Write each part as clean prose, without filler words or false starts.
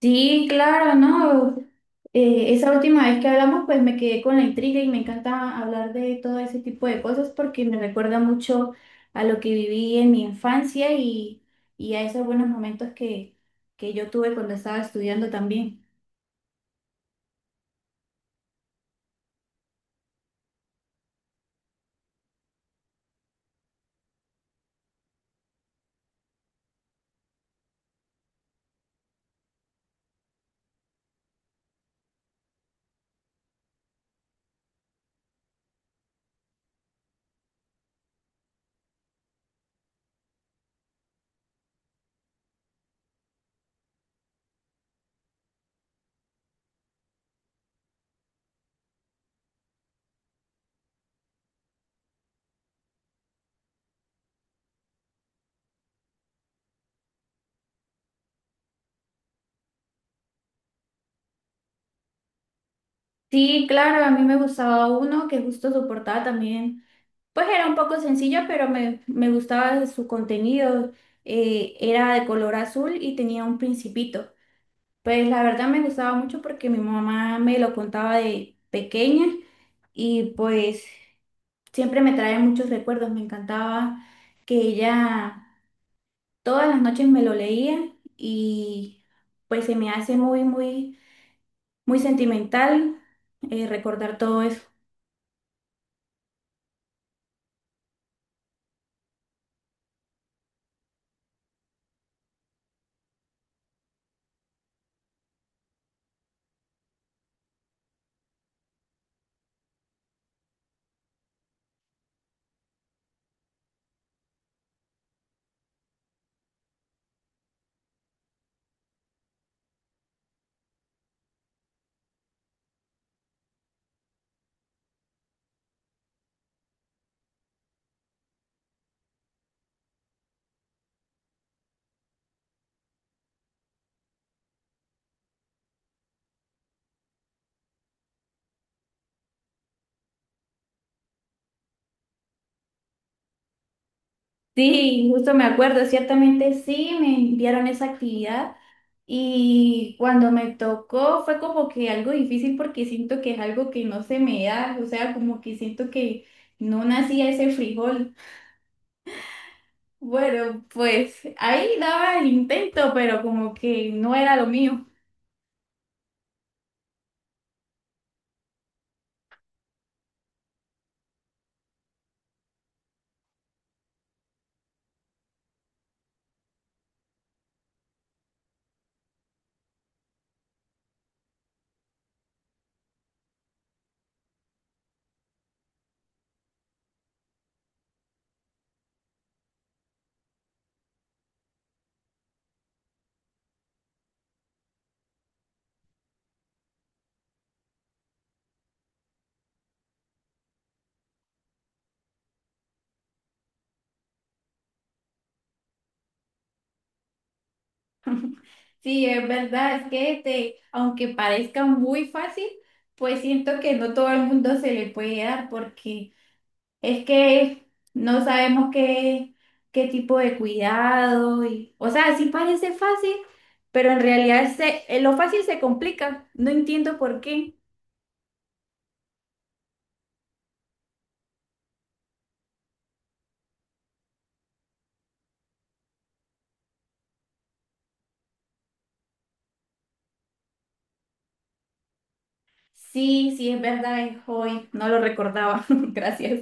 Sí, claro, ¿no? Esa última vez que hablamos, pues me quedé con la intriga y me encanta hablar de todo ese tipo de cosas porque me recuerda mucho a lo que viví en mi infancia y a esos buenos momentos que yo tuve cuando estaba estudiando también. Sí, claro, a mí me gustaba uno que justo soportaba también, pues era un poco sencillo, pero me gustaba su contenido. Era de color azul y tenía un principito. Pues la verdad me gustaba mucho porque mi mamá me lo contaba de pequeña y pues siempre me trae muchos recuerdos. Me encantaba que ella todas las noches me lo leía y pues se me hace muy, muy, muy sentimental recordar todo eso. Sí, justo me acuerdo, ciertamente sí, me enviaron esa actividad y cuando me tocó fue como que algo difícil porque siento que es algo que no se me da, o sea, como que siento que no nacía ese frijol. Bueno, pues ahí daba el intento, pero como que no era lo mío. Sí, es verdad, es que este, aunque parezca muy fácil, pues siento que no todo el mundo se le puede dar porque es que no sabemos qué tipo de cuidado y, o sea, sí parece fácil, pero en realidad se, lo fácil se complica. No entiendo por qué. Sí, sí, es verdad, es hoy. No lo recordaba. Gracias.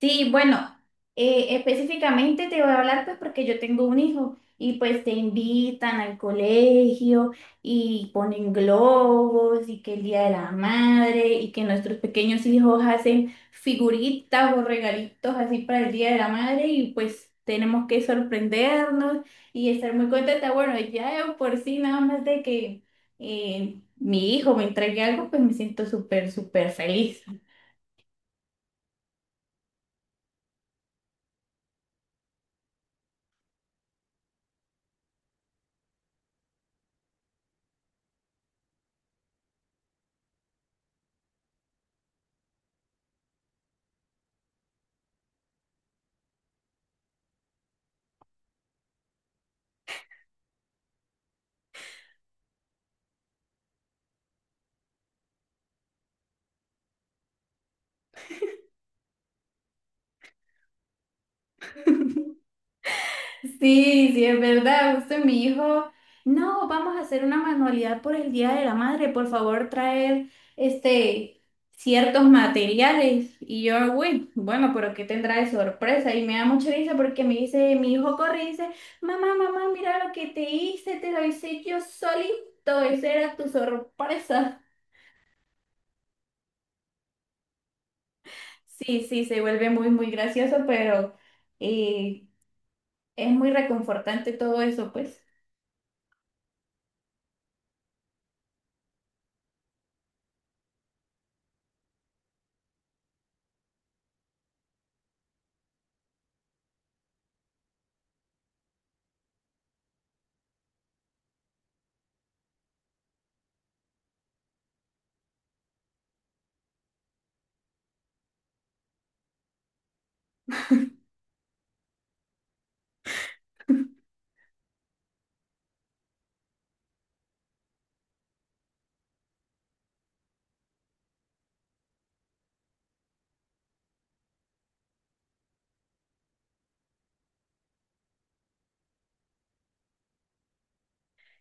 Sí, bueno, específicamente te voy a hablar pues porque yo tengo un hijo y pues te invitan al colegio y ponen globos y que el Día de la Madre y que nuestros pequeños hijos hacen figuritas o regalitos así para el Día de la Madre y pues tenemos que sorprendernos y estar muy contenta. Bueno, ya de por sí nada más de que mi hijo me entregue algo pues me siento súper, súper feliz. Sí, sí, es verdad, justo mi hijo, no, vamos a hacer una manualidad por el Día de la Madre, por favor, traer este ciertos materiales. Y yo, uy, bueno, pero ¿qué tendrá de sorpresa? Y me da mucha risa porque me dice, mi hijo corre y dice, mamá, mamá, mira lo que te hice, te lo hice yo solito, esa era tu sorpresa. Sí, sí, se vuelve muy, muy gracioso, pero eh, es muy reconfortante todo eso, pues.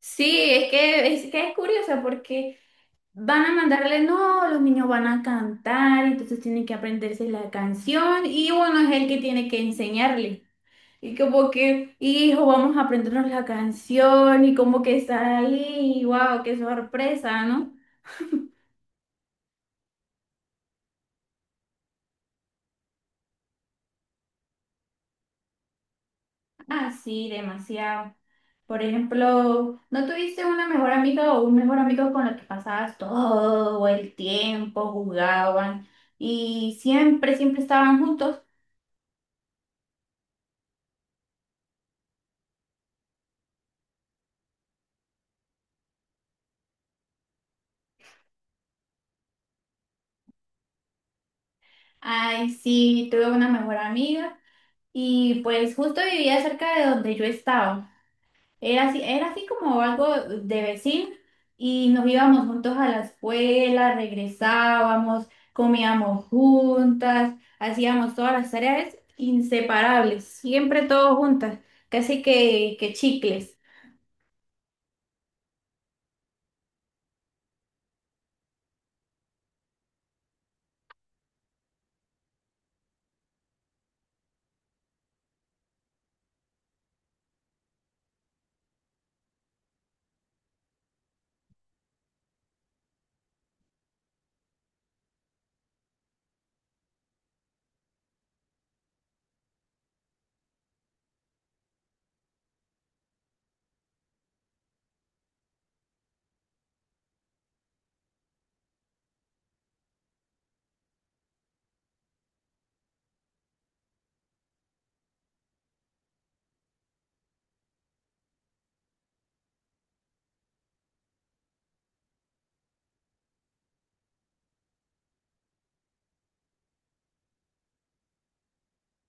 Sí, es que, es que es curioso porque van a mandarle, no, los niños van a cantar, entonces tienen que aprenderse la canción y bueno, es el que tiene que enseñarle. Y como que, hijo, vamos a aprendernos la canción y como que está ahí, wow, qué sorpresa, ¿no? Ah, sí, demasiado. Por ejemplo, ¿no tuviste una mejor amiga o un mejor amigo con el que pasabas todo el tiempo, jugaban y siempre, siempre estaban juntos? Ay, sí, tuve una mejor amiga y pues justo vivía cerca de donde yo estaba. Era así como algo de vecino y nos íbamos juntos a la escuela, regresábamos, comíamos juntas, hacíamos todas las tareas inseparables, siempre todos juntas, casi que chicles.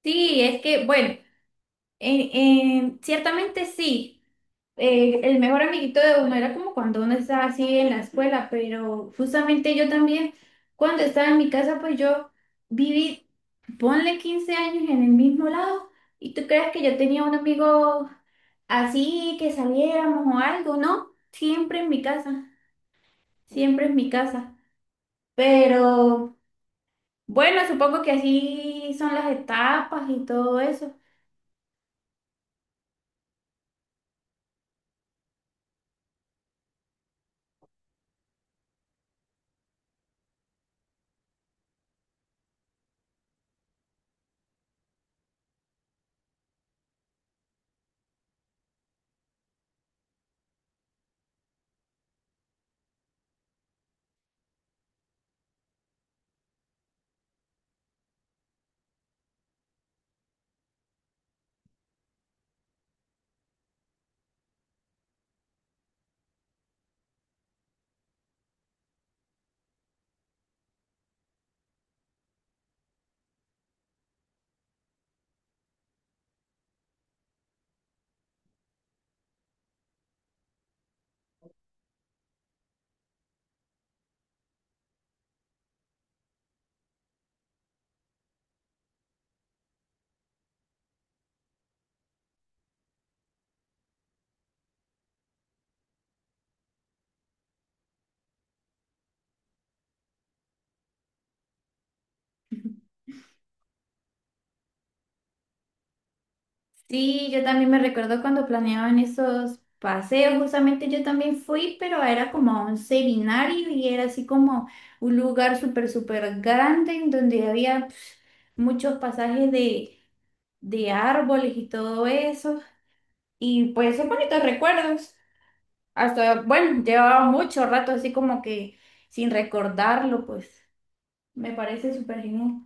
Sí, es que, bueno, en- ciertamente sí. El mejor amiguito de uno era como cuando uno estaba así en la escuela, pero justamente yo también, cuando estaba en mi casa, pues yo viví, ponle 15 años en el mismo lado, y tú crees que yo tenía un amigo así, que saliéramos o algo, ¿no? Siempre en mi casa, siempre en mi casa. Pero bueno, supongo que así son las etapas y todo eso. Sí, yo también me recuerdo cuando planeaban esos paseos, justamente yo también fui, pero era como a un seminario y era así como un lugar súper, súper grande en donde había pf, muchos pasajes de árboles y todo eso. Y pues son bonitos recuerdos. Hasta, bueno, llevaba mucho rato así como que sin recordarlo, pues me parece súper genial.